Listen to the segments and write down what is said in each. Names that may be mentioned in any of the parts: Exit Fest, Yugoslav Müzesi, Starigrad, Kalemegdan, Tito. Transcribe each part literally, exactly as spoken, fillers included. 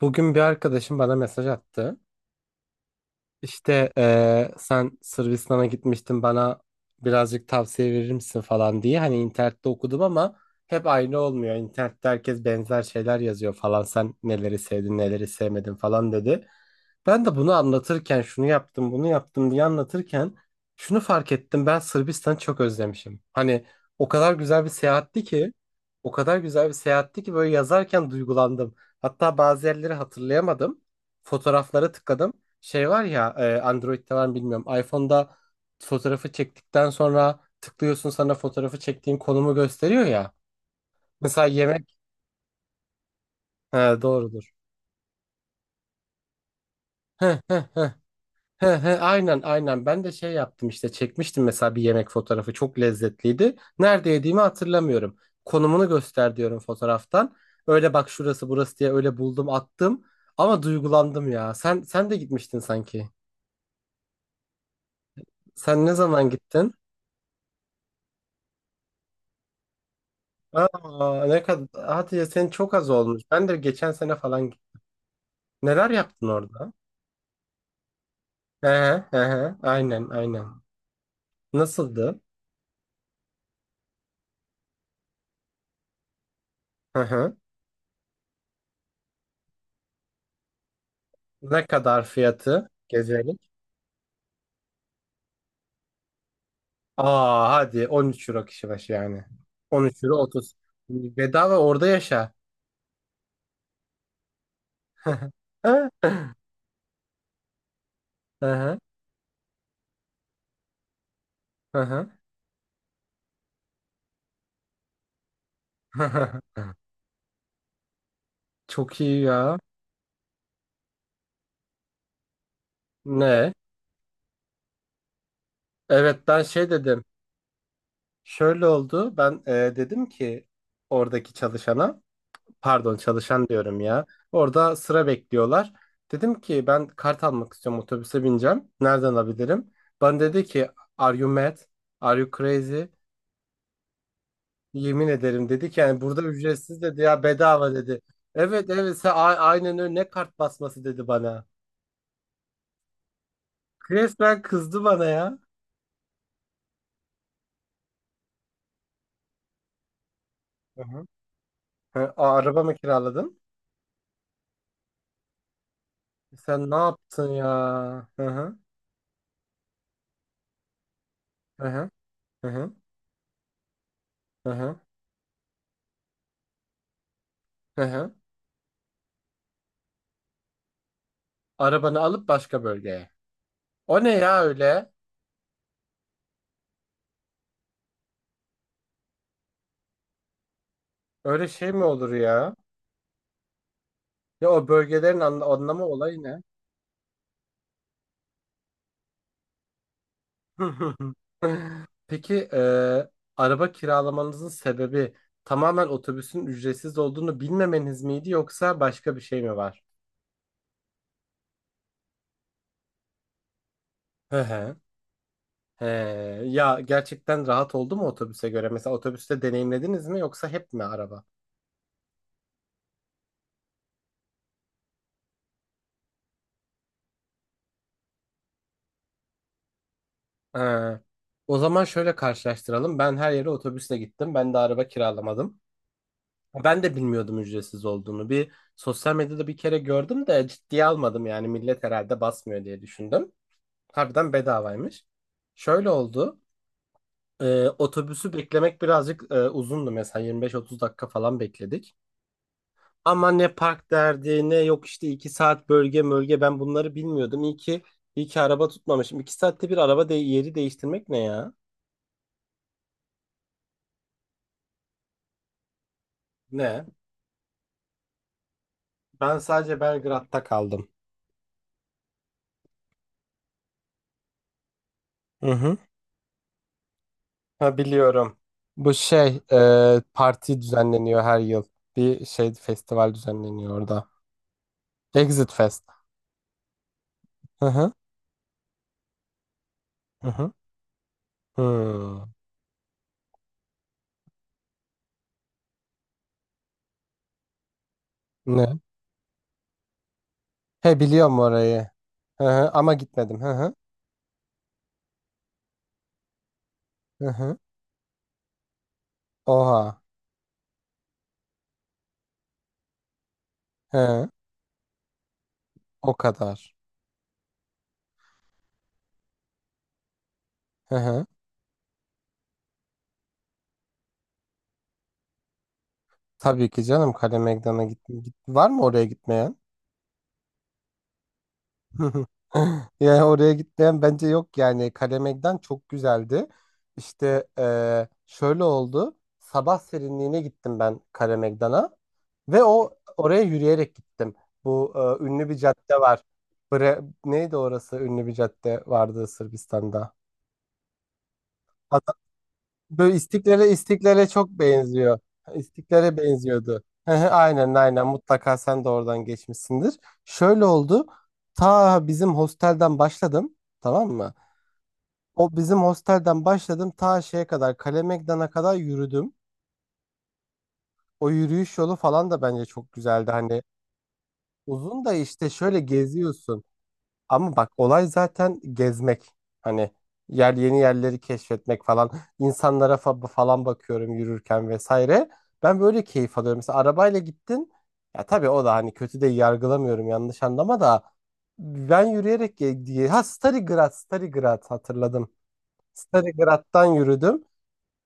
Bugün bir arkadaşım bana mesaj attı. İşte eee, sen Sırbistan'a gitmiştin bana birazcık tavsiye verir misin falan diye. Hani internette okudum ama hep aynı olmuyor. İnternette herkes benzer şeyler yazıyor falan. Sen neleri sevdin neleri sevmedin falan dedi. Ben de bunu anlatırken şunu yaptım bunu yaptım diye anlatırken şunu fark ettim. Ben Sırbistan'ı çok özlemişim. Hani o kadar güzel bir seyahatti ki o kadar güzel bir seyahatti ki böyle yazarken duygulandım. Hatta bazı yerleri hatırlayamadım. Fotoğraflara tıkladım. Şey var ya e, Android'de var mı bilmiyorum. iPhone'da fotoğrafı çektikten sonra tıklıyorsun sana fotoğrafı çektiğin konumu gösteriyor ya. Mesela yemek. He, doğrudur. He, he, he. He, he, aynen aynen ben de şey yaptım işte çekmiştim mesela bir yemek fotoğrafı çok lezzetliydi. Nerede yediğimi hatırlamıyorum. Konumunu göster diyorum fotoğraftan. Öyle bak şurası burası diye öyle buldum attım. Ama duygulandım ya. Sen sen de gitmiştin sanki. Sen ne zaman gittin? Aa, ne kadar hadi ya senin çok az olmuş. Ben de geçen sene falan gittim. Neler yaptın orada? Hı hı hı. Aynen aynen. Nasıldı? Hı hı. Ne kadar fiyatı gezelik? Aa hadi on üç euro kişi başı yani. on üç euro otuz. Bedava orada yaşa. Hı hı hı hı. Çok iyi ya. Ne? Evet ben şey dedim. Şöyle oldu. Ben e, dedim ki oradaki çalışana. Pardon çalışan diyorum ya. Orada sıra bekliyorlar. Dedim ki ben kart almak istiyorum otobüse bineceğim. Nereden alabilirim? Bana dedi ki Are you mad? Are you crazy? Yemin ederim dedi ki yani burada ücretsiz dedi ya bedava dedi. Evet evet sen a- aynen öyle ne kart basması dedi bana. Resmen kızdı bana ya. Hı hı. Hı, a- araba mı kiraladın? Sen ne yaptın ya? Hı hı. Hı hı. Hı hı. Hı hı. Hı hı. Arabanı alıp başka bölgeye. O ne ya öyle? Öyle şey mi olur ya? Ya o bölgelerin anla- anlamı olayı ne? Peki e, araba kiralamanızın sebebi tamamen otobüsün ücretsiz olduğunu bilmemeniz miydi yoksa başka bir şey mi var? Hı hı. He, ya gerçekten rahat oldu mu otobüse göre? Mesela otobüste deneyimlediniz mi yoksa hep mi araba? He. O zaman şöyle karşılaştıralım. Ben her yere otobüsle gittim. Ben de araba kiralamadım. Ben de bilmiyordum ücretsiz olduğunu. Bir sosyal medyada bir kere gördüm de ciddiye almadım yani millet herhalde basmıyor diye düşündüm. Harbiden bedavaymış. Şöyle oldu. E, otobüsü beklemek birazcık e, uzundu mesela yirmi beş otuz dakika falan bekledik. Ama ne park derdi ne yok işte iki saat bölge bölge ben bunları bilmiyordum. İyi ki, iyi ki araba tutmamışım. İki saatte bir araba de yeri değiştirmek ne ya? Ne? Ben sadece Belgrad'da kaldım. Hı hı. Ha biliyorum. Bu şey e, parti düzenleniyor her yıl. Bir şey festival düzenleniyor orada. Exit Fest. Hı hı. Hı hı. Hmm. Ne? He biliyorum orayı. Hı hı. Ama gitmedim. Hı hı. Hı hı. Oha. He. O kadar. Hı hı. Tabii ki canım Kale Meydan'a git, git. Var mı oraya gitmeyen? Yani oraya gitmeyen bence yok yani Kalemegdan çok güzeldi. İşte eee, şöyle oldu. Sabah serinliğine gittim ben Kalemegdan'a ve o oraya yürüyerek gittim. Bu eee, ünlü bir cadde var. Bre neydi orası? Ünlü bir cadde vardı Sırbistan'da. Böyle İstiklal'e İstiklal'e çok benziyor. İstiklal'e benziyordu. Hı hı, aynen aynen mutlaka sen de oradan geçmişsindir. Şöyle oldu. Ta bizim hostelden başladım. Tamam mı? O bizim hostelden başladım ta şeye kadar Kale Meydan'a kadar yürüdüm. O yürüyüş yolu falan da bence çok güzeldi. Hani uzun da işte şöyle geziyorsun. Ama bak olay zaten gezmek. Hani yer yeni yerleri keşfetmek falan. İnsanlara fa- falan bakıyorum yürürken vesaire. Ben böyle keyif alıyorum. Mesela arabayla gittin. Ya tabii o da hani kötü de yargılamıyorum yanlış anlama da. Ben yürüyerek ge- diye. Ha Starigrad, Starigrad hatırladım. Starigrad'dan yürüdüm.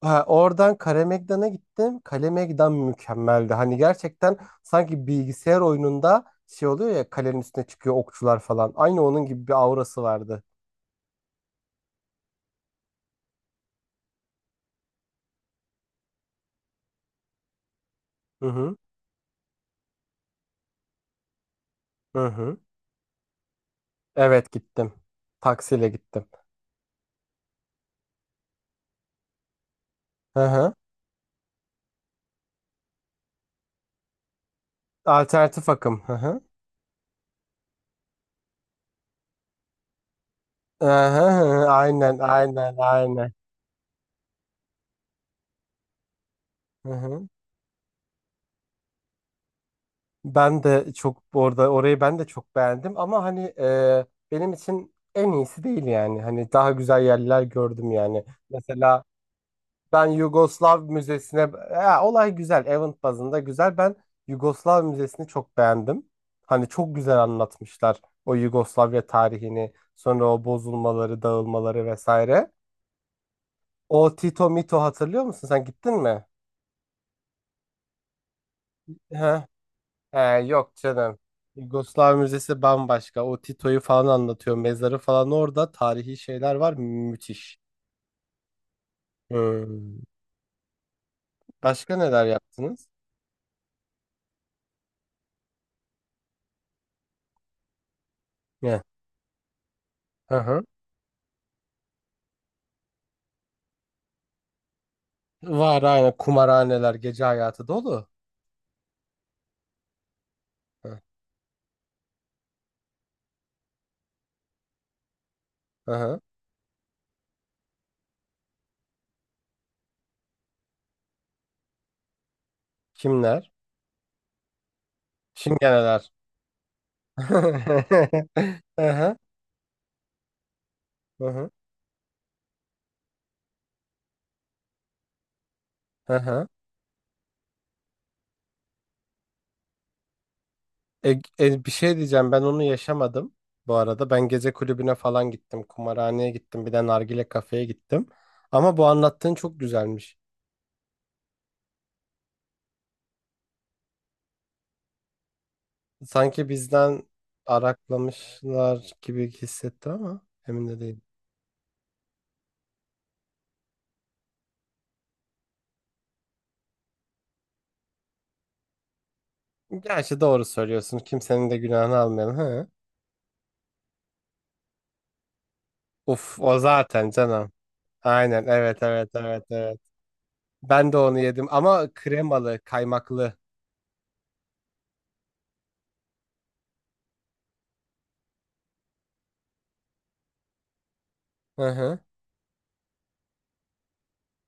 Ha, oradan Kalemegdan'a gittim. Kalemegdan mükemmeldi. Hani gerçekten sanki bilgisayar oyununda şey oluyor ya kalenin üstüne çıkıyor okçular falan. Aynı onun gibi bir aurası vardı. Hı hı. Hı hı. Evet gittim. Taksiyle gittim. Hı hı. Alternatif akım. Hı hı. Hı hı. Hı. Aynen aynen aynen. Hı hı. Ben de çok orada orayı ben de çok beğendim ama hani e, benim için en iyisi değil yani. Hani daha güzel yerler gördüm yani. Mesela Ben Yugoslav Müzesi'ne ya, olay güzel. Event bazında güzel. Ben Yugoslav Müzesi'ni çok beğendim. Hani çok güzel anlatmışlar o Yugoslavya tarihini, sonra o bozulmaları, dağılmaları vesaire. O Tito Mito hatırlıyor musun? Sen gittin mi? Heh. He, yok canım. Yugoslav Müzesi bambaşka. O Tito'yu falan anlatıyor. Mezarı falan orada. Tarihi şeyler var. Müthiş. Hmm. Başka neler yaptınız? Ne? Hı hı. Var aynı kumarhaneler, gece hayatı dolu. Hı, hı hı. Kimler? Şimgeneler. Hı hı, hı hı, hı hı. E, e, Bir şey diyeceğim ben onu yaşamadım bu arada. Ben gece kulübüne falan gittim, kumarhaneye gittim, bir de nargile kafeye gittim. Ama bu anlattığın çok güzelmiş. Sanki bizden araklamışlar gibi hissettim ama emin de değilim. Gerçi doğru söylüyorsun. Kimsenin de günahını almayalım. Hı. Uf o zaten canım. Aynen evet evet evet evet. Ben de onu yedim ama kremalı, kaymaklı. Hı hı.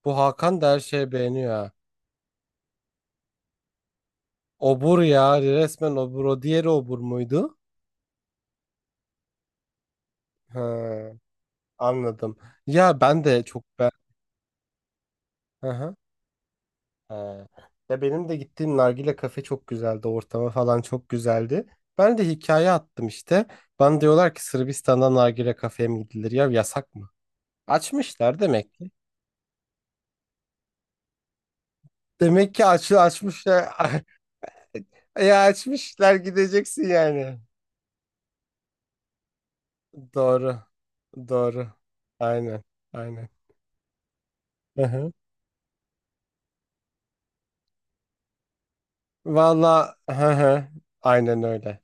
Bu Hakan da her şeye beğeniyor ha. Obur ya resmen obur. O diğeri obur muydu? Ha, anladım. Ya ben de çok ben. Hı hı. Ha. Ya benim de gittiğim nargile kafe çok güzeldi. Ortamı falan çok güzeldi. Ben de hikaye attım işte. Bana diyorlar ki Sırbistan'da nargile kafeye mi gidilir? Ya yasak mı? Açmışlar demek ki. Demek ki aç, açmışlar. Ya açmışlar gideceksin yani. Doğru. Doğru. Aynen. Aynen. Hı hı. Valla hı hı. Aynen öyle.